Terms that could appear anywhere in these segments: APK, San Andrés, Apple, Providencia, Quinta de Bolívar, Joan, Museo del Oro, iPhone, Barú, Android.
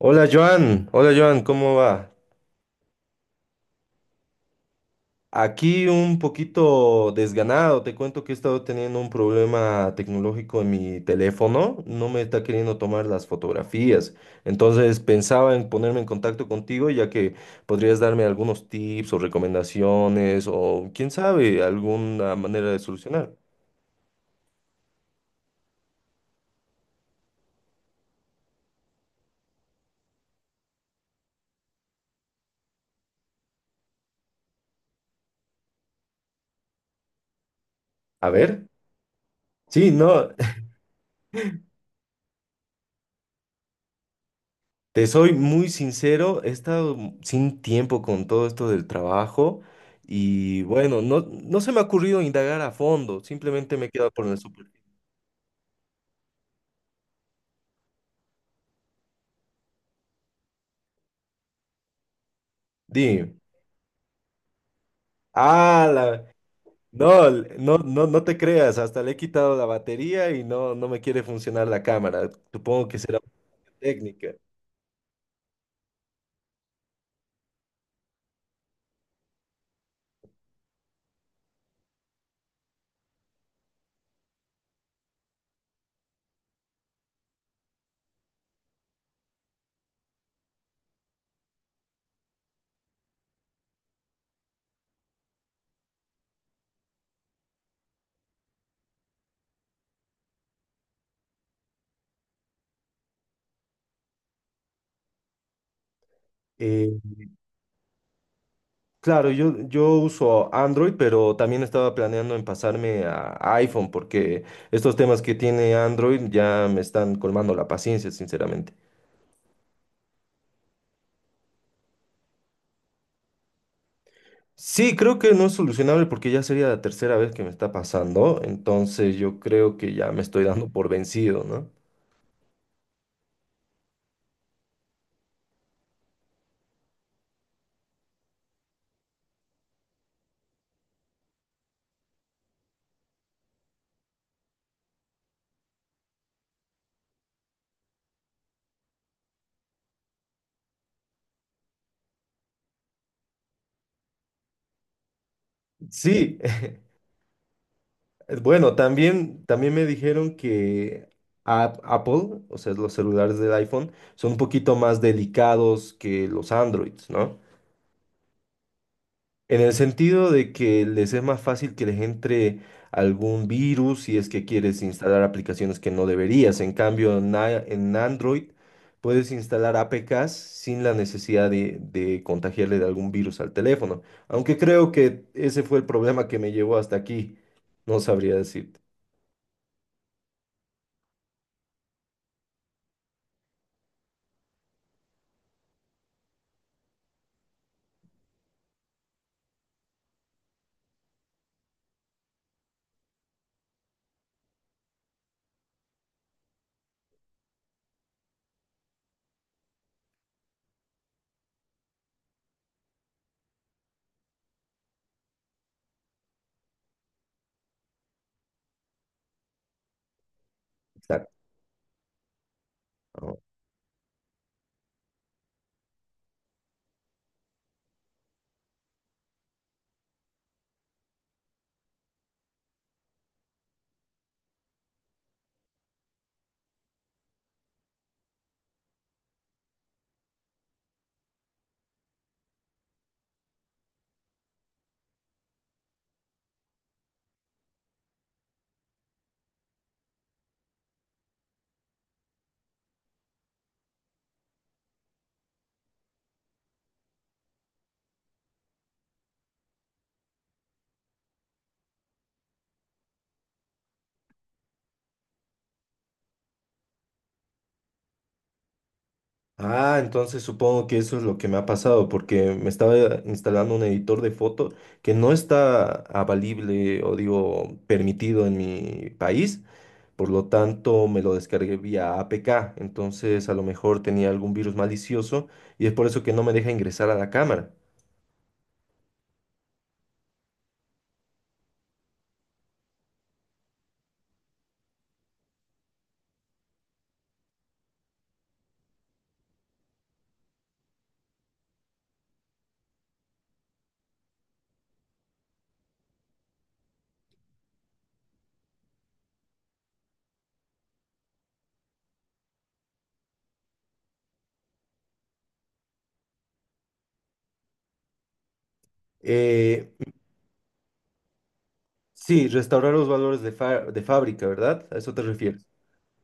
Hola Joan, ¿cómo va? Aquí un poquito desganado, te cuento que he estado teniendo un problema tecnológico en mi teléfono, no me está queriendo tomar las fotografías, entonces pensaba en ponerme en contacto contigo ya que podrías darme algunos tips o recomendaciones o quién sabe, alguna manera de solucionar. A ver, sí, no. Te soy muy sincero, he estado sin tiempo con todo esto del trabajo y bueno, no, no se me ha ocurrido indagar a fondo, simplemente me he quedado por el super. Dime. Ah, la- no, no, no te creas, hasta le he quitado la batería y no, no me quiere funcionar la cámara. Supongo que será una técnica. Eh, claro, yo uso Android, pero también estaba planeando en pasarme a iPhone porque estos temas que tiene Android ya me están colmando la paciencia, sinceramente. Sí, creo que no es solucionable porque ya sería la tercera vez que me está pasando, entonces yo creo que ya me estoy dando por vencido, ¿no? Sí, bueno, también me dijeron que Apple, o sea, los celulares del iPhone, son un poquito más delicados que los Androids, ¿no? En el sentido de que les es más fácil que les entre algún virus si es que quieres instalar aplicaciones que no deberías. En cambio, en Android puedes instalar APKs sin la necesidad de contagiarle de algún virus al teléfono. Aunque creo que ese fue el problema que me llevó hasta aquí. No sabría decirte. Exacto. Ah, entonces supongo que eso es lo que me ha pasado, porque me estaba instalando un editor de foto que no está avalible o digo permitido en mi país, por lo tanto me lo descargué vía APK, entonces a lo mejor tenía algún virus malicioso y es por eso que no me deja ingresar a la cámara. Eh, sí, restaurar los valores de, de fábrica, ¿verdad? ¿A eso te refieres?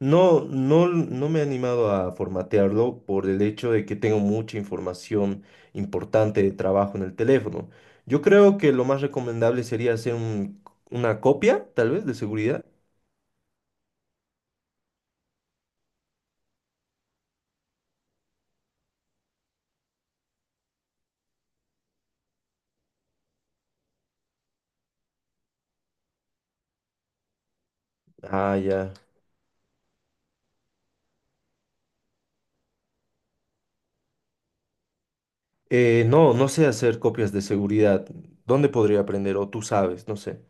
No, no, no me he animado a formatearlo por el hecho de que tengo mucha información importante de trabajo en el teléfono. Yo creo que lo más recomendable sería hacer una copia, tal vez, de seguridad. Ah, ya. No, no sé hacer copias de seguridad. ¿Dónde podría aprender? O tú sabes, no sé.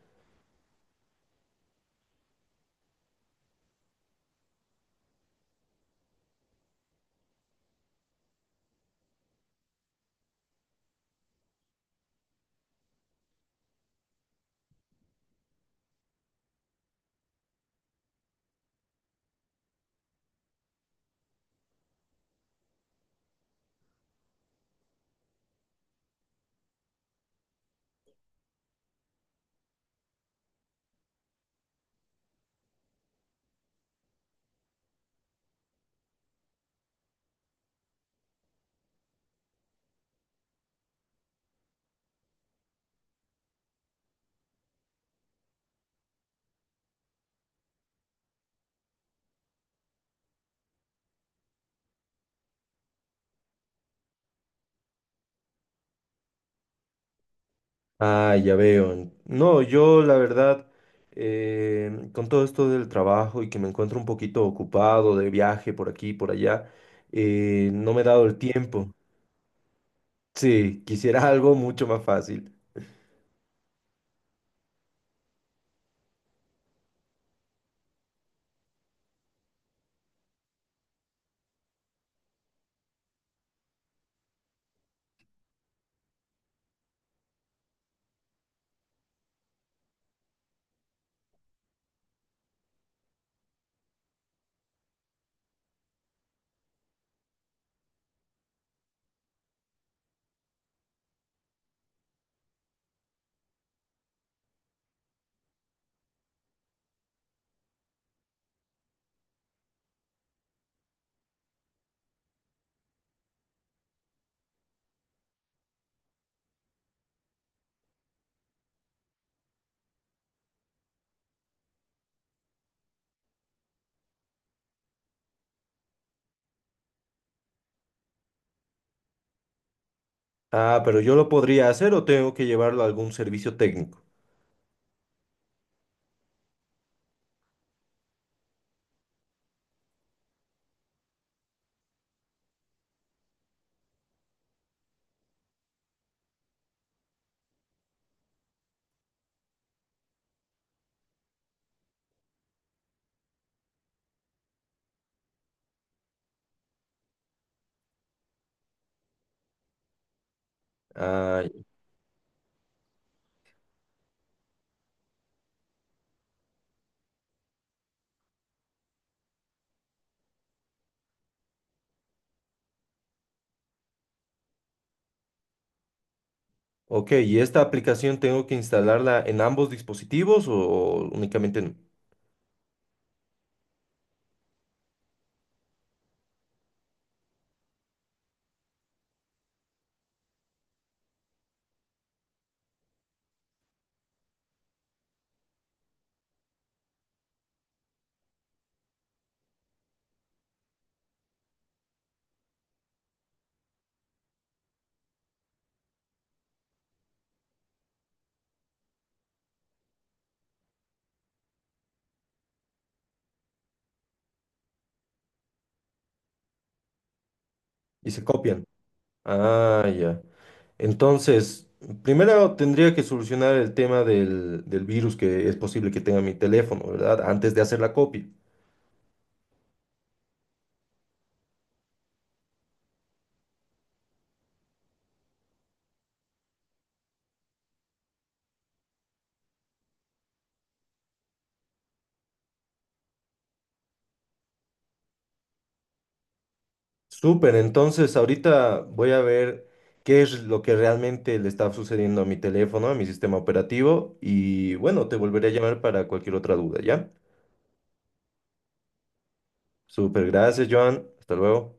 Ah, ya veo. No, yo la verdad, con todo esto del trabajo y que me encuentro un poquito ocupado de viaje por aquí y por allá, no me he dado el tiempo. Sí, quisiera algo mucho más fácil. Ah, pero yo lo podría hacer o tengo que llevarlo a algún servicio técnico. Ah, ok, ¿y esta aplicación tengo que instalarla en ambos dispositivos o únicamente en... y se copian? Ah, ya. Entonces, primero tendría que solucionar el tema del virus que es posible que tenga mi teléfono, ¿verdad? Antes de hacer la copia. Súper, entonces ahorita voy a ver qué es lo que realmente le está sucediendo a mi teléfono, a mi sistema operativo y bueno, te volveré a llamar para cualquier otra duda, ¿ya? Súper, gracias, Joan. Hasta luego.